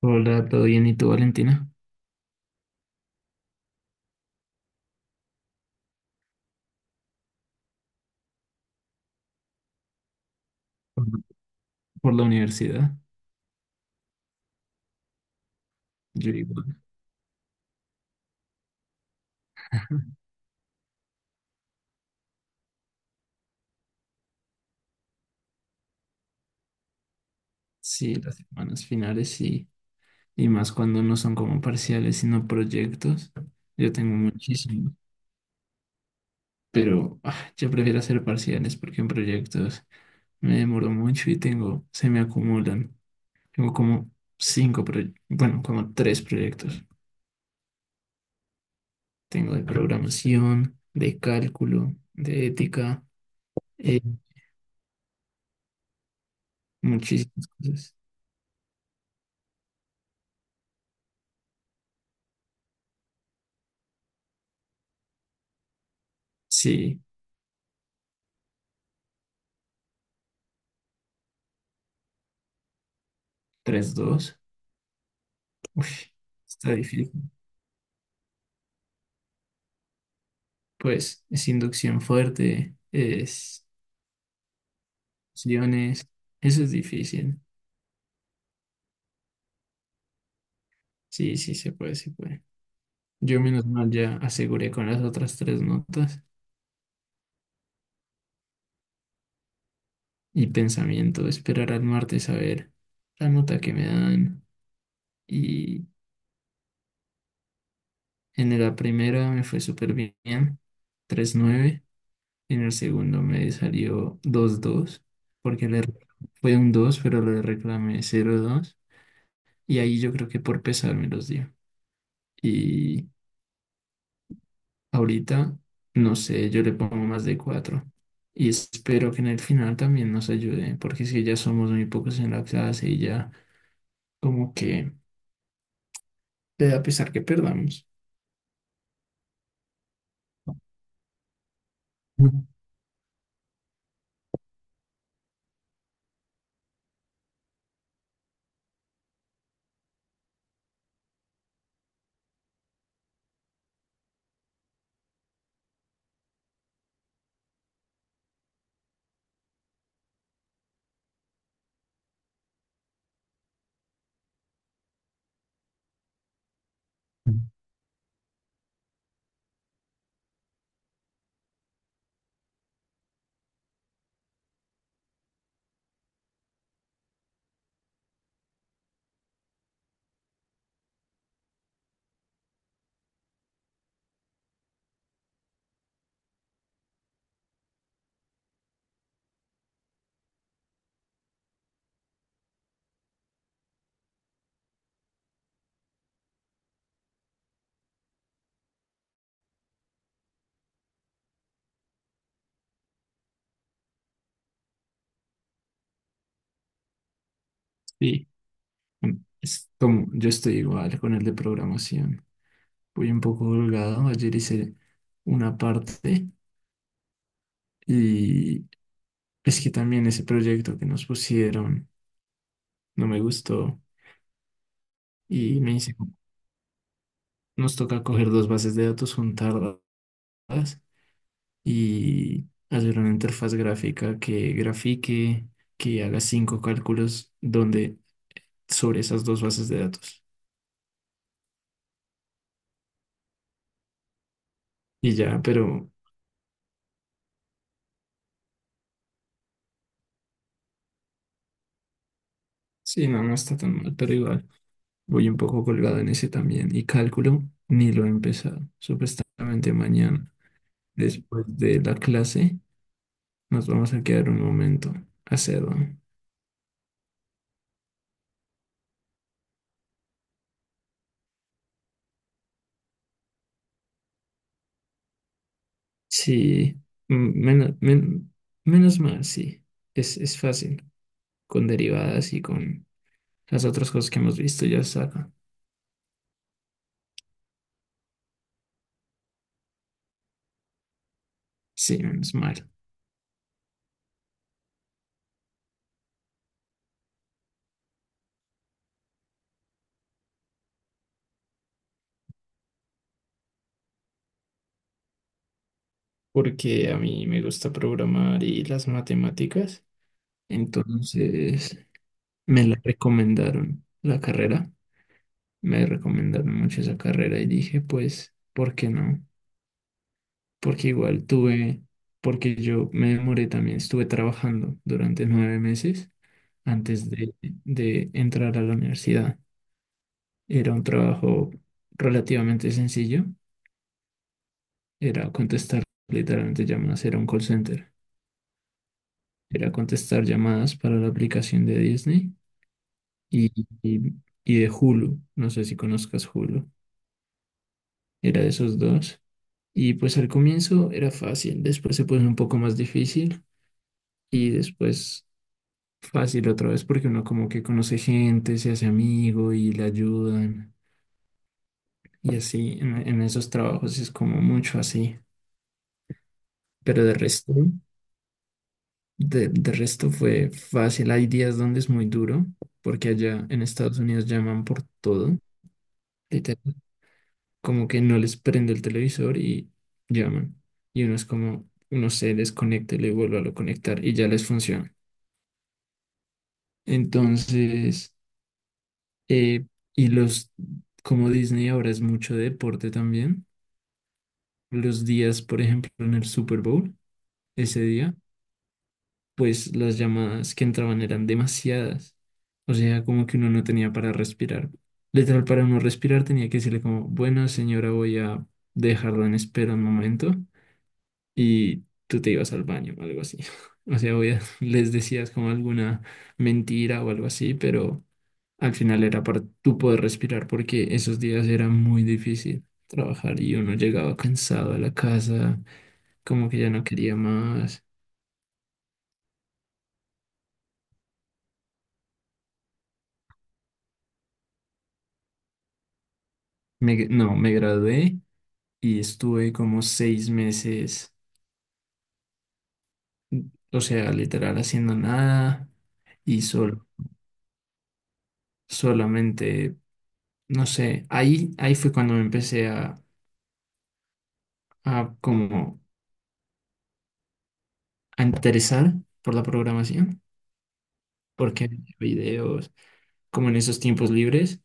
Hola, ¿todo bien? ¿Y tú, Valentina? Por por la universidad. Yo igual. Sí, las semanas finales y más cuando no son como parciales, sino proyectos. Yo tengo muchísimo, pero ah, yo prefiero hacer parciales porque en proyectos me demoro mucho y tengo, se me acumulan. Tengo como cinco proyectos, bueno, como tres proyectos. Tengo de programación, de cálculo, de ética, eh, muchísimas cosas. Sí, 3,2. Uy, está difícil. Pues es inducción fuerte, es opciones. Eso es difícil. Sí, sí, se puede, se puede. Yo menos mal ya aseguré con las otras tres notas y pensamiento. Esperar al martes a ver la nota que me dan. Y en la primera me fue súper bien, 3,9. En el segundo me salió 2,2, porque le fue un dos, pero le reclamé 0,2. Y ahí yo creo que por pesar me los dio. Y ahorita, no sé, yo le pongo más de cuatro. Y espero que en el final también nos ayude, porque si ya somos muy pocos en la clase y ya como que le da pesar que perdamos. Ujú. Sí, mm, es como yo estoy igual con el de programación. Voy un poco holgado. Ayer hice una parte y es que también ese proyecto que nos pusieron no me gustó y me dice, nos toca coger dos bases de datos, juntarlas y hacer una interfaz gráfica que grafique, que haga cinco cálculos donde sobre esas dos bases de datos. Y ya, pero sí, no, no está tan mal, pero igual voy un poco colgado en ese también. Y cálculo ni lo he empezado. Supuestamente mañana, después de la clase, nos vamos a quedar un momento a hacerlo. Sí, menos, menos mal, sí. Es fácil, con derivadas y con las otras cosas que hemos visto ya saben. Sí, menos mal. Porque a mí me gusta programar y las matemáticas. Entonces me la recomendaron la carrera. Me recomendaron mucho esa carrera y dije, pues, ¿por qué no? Porque igual tuve, porque yo me demoré también, estuve trabajando durante 9 meses antes de entrar a la universidad. Era un trabajo relativamente sencillo, era contestar, literalmente llamadas, era un call center. Era contestar llamadas para la aplicación de Disney y, y, y de Hulu. No sé si conozcas Hulu. Era de esos dos. Y pues al comienzo era fácil, después se puso un poco más difícil y después fácil otra vez porque uno como que conoce gente, se hace amigo y le ayudan. Y así en esos trabajos es como mucho así. Pero de resto. De resto fue fácil. Hay días donde es muy duro, porque allá en Estados Unidos llaman por todo. Literal, como que no les prende el televisor y llaman. Y uno es como, uno se desconecta y le vuelve a lo conectar y ya les funciona. Entonces, eh, y los, como Disney ahora es mucho de deporte también, los días, por ejemplo, en el Super Bowl, ese día, pues las llamadas que entraban eran demasiadas. O sea, como que uno no tenía para respirar. Literal, para uno respirar tenía que decirle como, bueno, señora, voy a dejarla en espera un momento y tú te ibas al baño o algo así. O sea, voy les decías como alguna mentira o algo así, pero al final era para tú poder respirar porque esos días era muy difícil trabajar y uno llegaba cansado a la casa, como que ya no quería más. No, me gradué y estuve como 6 meses, o sea, literal haciendo nada y solo, solamente, no sé, ahí, ahí fue cuando me empecé a como a interesar por la programación, porque veía videos, como en esos tiempos libres,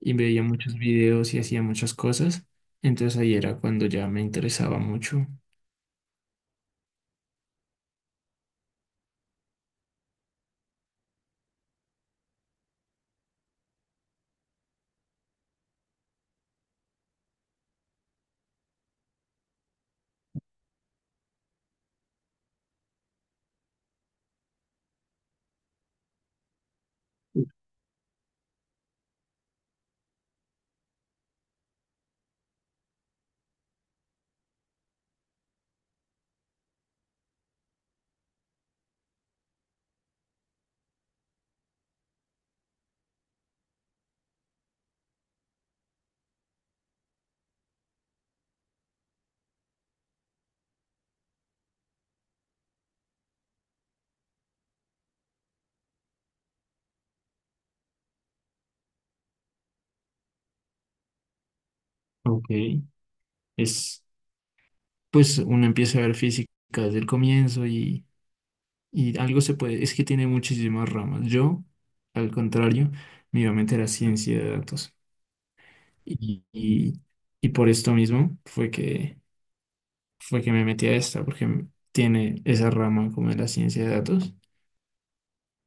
y veía muchos videos y hacía muchas cosas, entonces ahí era cuando ya me interesaba mucho. Ok, es, pues uno empieza a ver física desde el comienzo y algo se puede, es que tiene muchísimas ramas. Yo, al contrario, me iba a meter a ciencia de datos. Y, y, y por esto mismo fue que, me metí a esta, porque tiene esa rama como de la ciencia de datos,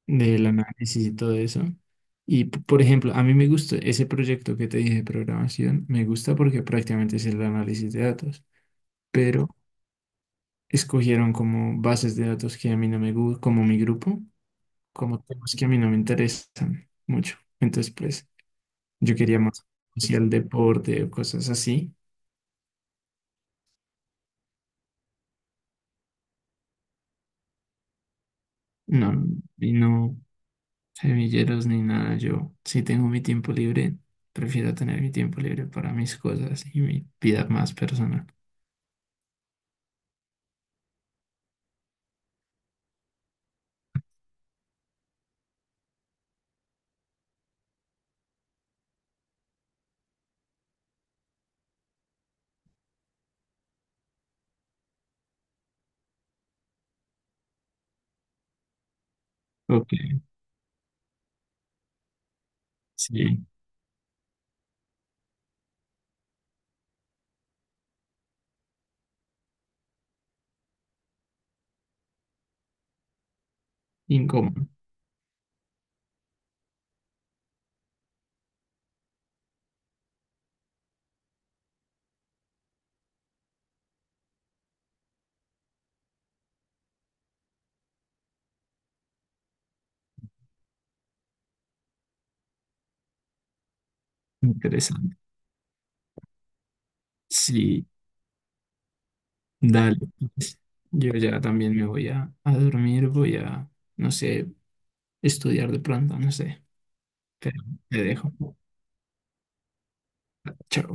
del análisis y todo eso. Y, por ejemplo, a mí me gusta ese proyecto que te dije de programación, me gusta porque prácticamente es el análisis de datos, pero escogieron como bases de datos que a mí no me gusta, como mi grupo. Como temas que a mí no me interesan mucho. Entonces, pues, yo quería más hacia el deporte o cosas así. No, y no semilleros ni nada. Yo, si tengo mi tiempo libre, prefiero tener mi tiempo libre para mis cosas y mi vida más personal. Ok, sí, incómodo, interesante. Sí, dale, pues. Yo ya también me voy a dormir, voy a, no sé, estudiar de pronto, no sé. Pero te dejo. Chao.